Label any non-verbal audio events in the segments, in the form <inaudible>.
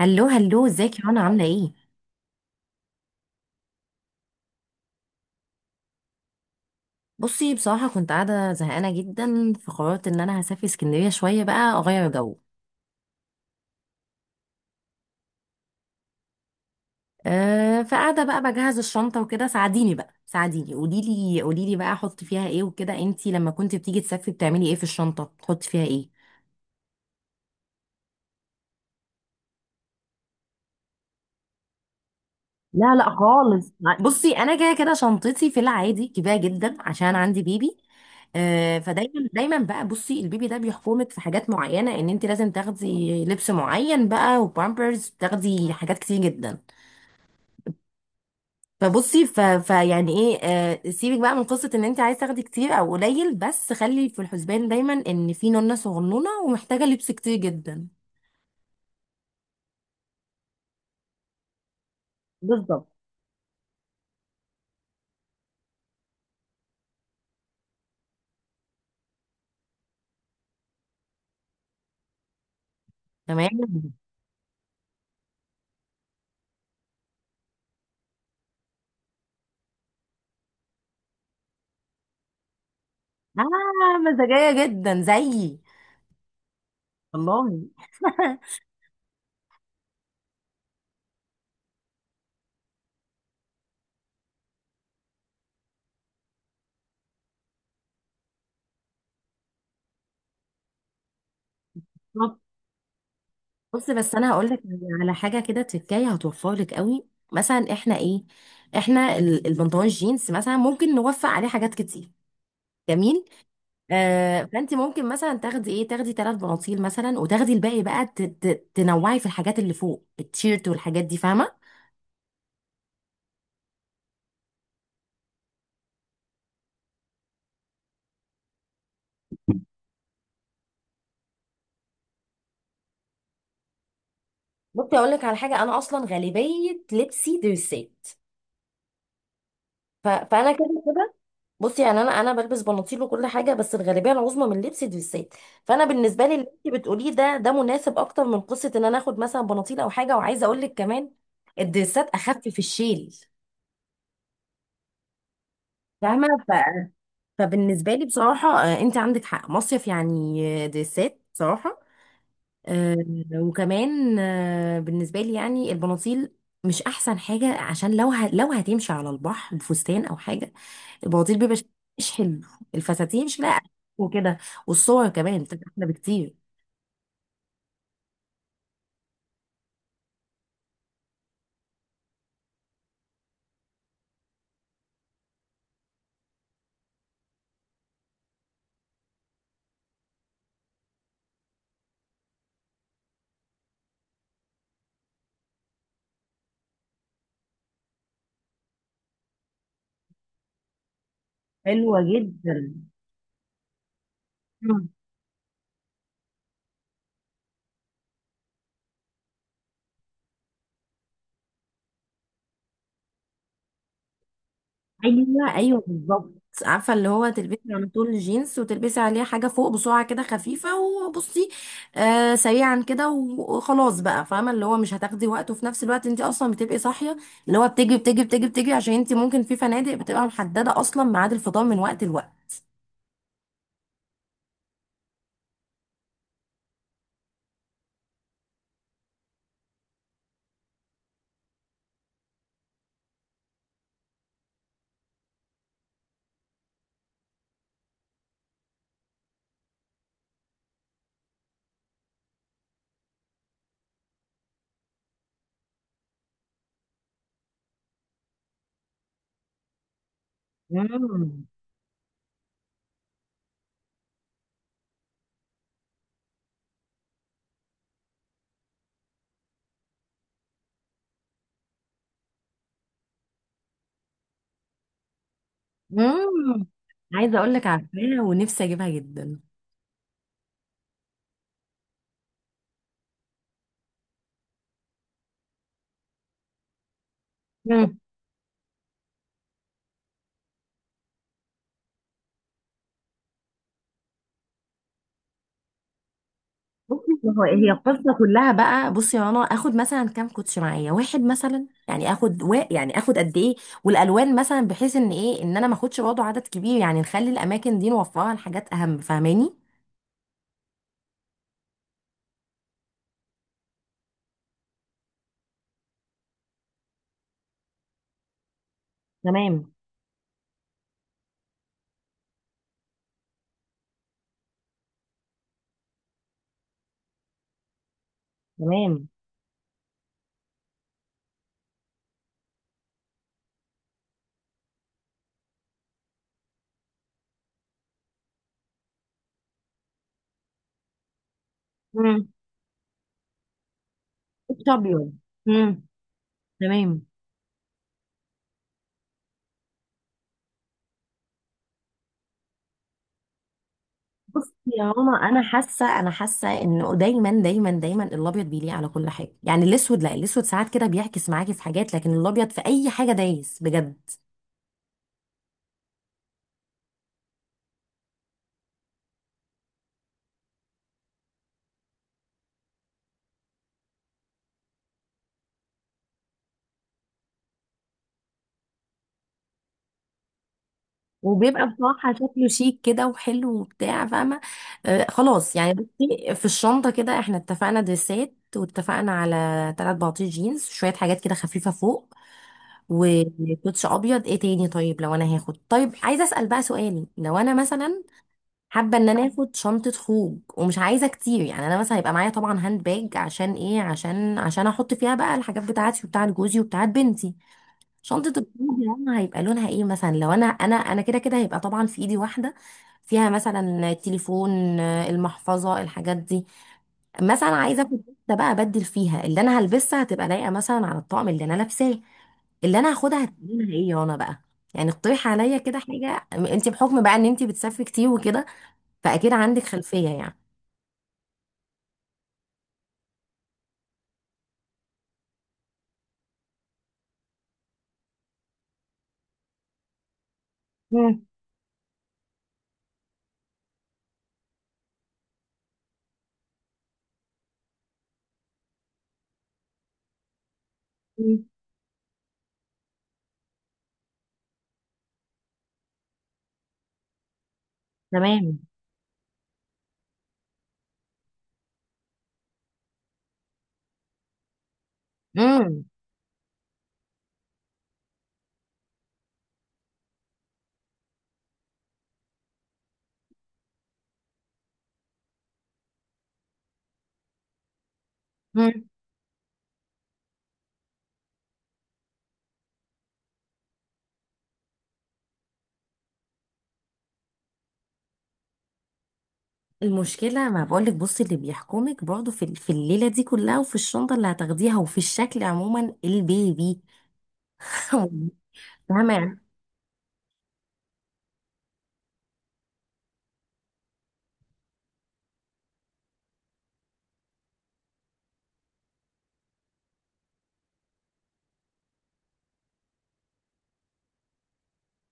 هلو هلو، ازيك يا رنا؟ عامله ايه؟ بصي، بصراحه كنت قاعده زهقانه جدا، فقررت ان انا هسافر اسكندريه شويه بقى، اغير جو. أه، فقاعده بقى بجهز الشنطه وكده. ساعديني بقى ساعديني، قولي لي قولي لي بقى احط فيها ايه وكده. انتي لما كنت بتيجي تسافري بتعملي ايه في الشنطه؟ تحطي فيها ايه؟ لا لا خالص. بصي، انا كده كده شنطتي في العادي كبيره جدا عشان عندي بيبي. آه، فدايما دايما بقى، بصي، البيبي ده بيحكمك في حاجات معينه، ان انت لازم تاخدي لبس معين بقى، وبامبرز، تاخدي حاجات كتير جدا. فبصي ف... فيعني ايه آه سيبك بقى من قصه ان انت عايز تاخدي كتير او قليل، بس خلي في الحسبان دايما ان في نونه صغنونه ومحتاجه لبس كتير جدا. بالظبط. تمام. اه، مزاجيه جدا زيي. والله. <laughs> بص، بس انا هقول لك على حاجه كده تكايه هتوفر لك قوي. مثلا احنا ايه، البنطلون جينز مثلا ممكن نوفق عليه حاجات كتير. جميل. فانت ممكن مثلا تاخدي ثلاث بناطيل مثلا، وتاخدي الباقي بقى تنوعي في الحاجات اللي فوق، التيشيرت والحاجات دي، فاهمه. ممكن اقول لك على حاجه؟ انا اصلا غالبيه لبسي دريسات، فانا كده كده. بصي، يعني انا بلبس بناطيل وكل حاجه، بس الغالبيه العظمى من لبسي دريسات. فانا بالنسبه لي اللي انت بتقوليه ده مناسب اكتر من قصه ان انا اخد مثلا بناطيل او حاجه. وعايزه اقول لك كمان، الدريسات اخف في الشيل، فاهمه. فبالنسبه لي بصراحه، انت عندك حق، مصيف يعني، دريسات بصراحه. آه، وكمان بالنسبه لي يعني، البناطيل مش احسن حاجه، عشان لو هتمشي على البحر بفستان او حاجه، البواطيل بيبقى شكلها مش حلو. الفساتين شكلها أقل وكده، والصور كمان بتبقى احلى بكتير. حلوة جدا. مم. ايوه ايوه، بالظبط. عارفه اللي هو تلبسي على طول جينز، وتلبسي عليه حاجه فوق بسرعه كده خفيفه، وبصي، سريعا كده وخلاص بقى. فاهمه اللي هو مش هتاخدي وقت، وفي نفس الوقت انت اصلا بتبقي صاحيه، اللي هو بتجري بتجري بتجري بتجري عشان انت ممكن في فنادق بتبقى محدده اصلا ميعاد الفطار من وقت لوقت. امم امم، عايزه اقول لك، عارفاها ونفسي اجيبها جدا. مم. بصي، ما هو هي القصه كلها بقى، بصي يا رنا، اخد مثلا كام كوتش معايا؟ واحد مثلا؟ يعني اخد قد ايه؟ والالوان مثلا؟ بحيث ان ايه، ان انا ما اخدش برضه عدد كبير، يعني نخلي الاماكن دي نوفرها لحاجات اهم، فاهماني. تمام. تمام. مم. كوتش ابيض. مم. تمام. بصي يا ماما، انا حاسه انه دايما دايما دايما الابيض بيليق على كل حاجه. يعني الاسود لا، الاسود ساعات كده بيعكس معاكي في حاجات، لكن الابيض في اي حاجه دايس بجد. وبيبقى بصراحة شكله شيك كده وحلو وبتاع، فاهمة. خلاص، يعني بصي، في الشنطة كده احنا اتفقنا دريسات، واتفقنا على تلات بناطيل جينز، شوية حاجات كده خفيفة فوق، وكوتش أبيض. ايه تاني؟ طيب، لو أنا هاخد، طيب، عايزة أسأل بقى سؤال. لو أنا مثلا حابة إن أنا آخد شنطة خروج، ومش عايزة كتير، يعني أنا مثلا هيبقى معايا طبعا هاند باج، عشان ايه، عشان أحط فيها بقى الحاجات بتاعتي وبتاعت جوزي وبتاعت بنتي، شنطة الجروب. يعني هيبقى لونها ايه مثلا؟ لو انا كده كده هيبقى طبعا في ايدي واحدة، فيها مثلا التليفون، المحفظة، الحاجات دي. مثلا عايزة اخد ده بقى، ابدل فيها، اللي انا هلبسها هتبقى لايقة مثلا على الطقم اللي انا لابساه. اللي انا هاخدها هتبقى لونها ايه يا انا بقى؟ يعني اقترحي عليا كده حاجة. انت بحكم بقى ان انت بتسافري كتير وكده، فاكيد عندك خلفية يعني. مم. مم. تمام. امم المشكلة، ما بقولك بصي، اللي بيحكمك برضه في الليلة دي كلها، وفي الشنطة اللي هتاخديها، وفي الشكل عموما، البيبي. <laughs> فاهمة يعني؟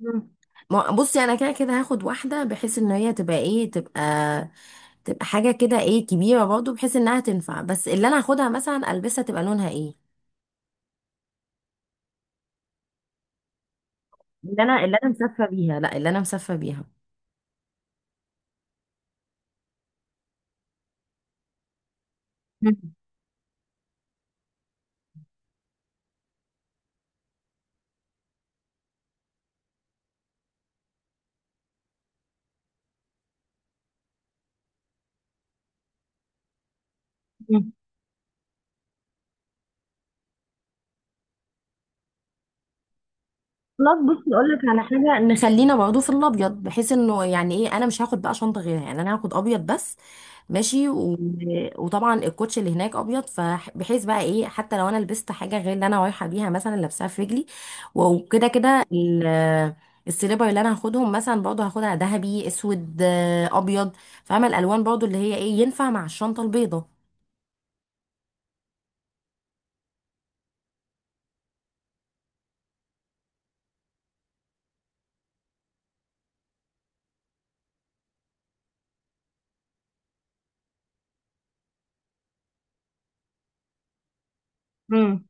مم. بصي، أنا كده كده هاخد واحدة بحيث إن هي تبقى إيه، تبقى حاجة كده إيه، كبيرة برضه بحيث إنها تنفع. بس اللي أنا هاخدها مثلا ألبسها تبقى لونها إيه؟ اللي أنا مسافة بيها، لا، اللي أنا مسافة بيها. مم. مم. خلاص، بصي اقول لك على حاجه، نخلينا برضه في الابيض، بحيث انه يعني ايه، انا مش هاخد بقى شنطه غيرها، يعني انا هاخد ابيض بس. ماشي وطبعا الكوتش اللي هناك ابيض، فبحيث بقى ايه، حتى لو انا لبست حاجه غير اللي انا رايحه بيها مثلا لابساها في رجلي، وكده كده السليبر اللي انا هاخدهم مثلا برضه، هاخدها ذهبي، اسود، ابيض. فاهمه الالوان برضه اللي هي ايه، ينفع مع الشنطه البيضه. امم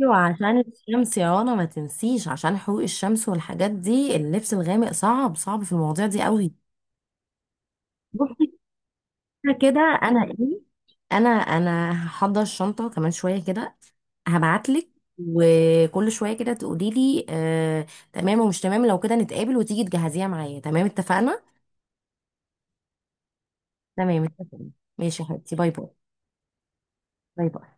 ايوه، عشان الشمس يا رنا ما تنسيش، عشان حقوق الشمس والحاجات دي، اللبس الغامق صعب صعب في المواضيع دي قوي. كده كده انا ايه، انا هحضر الشنطه كمان شويه كده، هبعتلك. وكل شويه كده تقولي لي، تمام ومش تمام. لو كده، نتقابل وتيجي تجهزيها معايا. تمام، اتفقنا؟ تمام، اتفقنا. ماشي يا حبيبتي. باي باي. باي باي.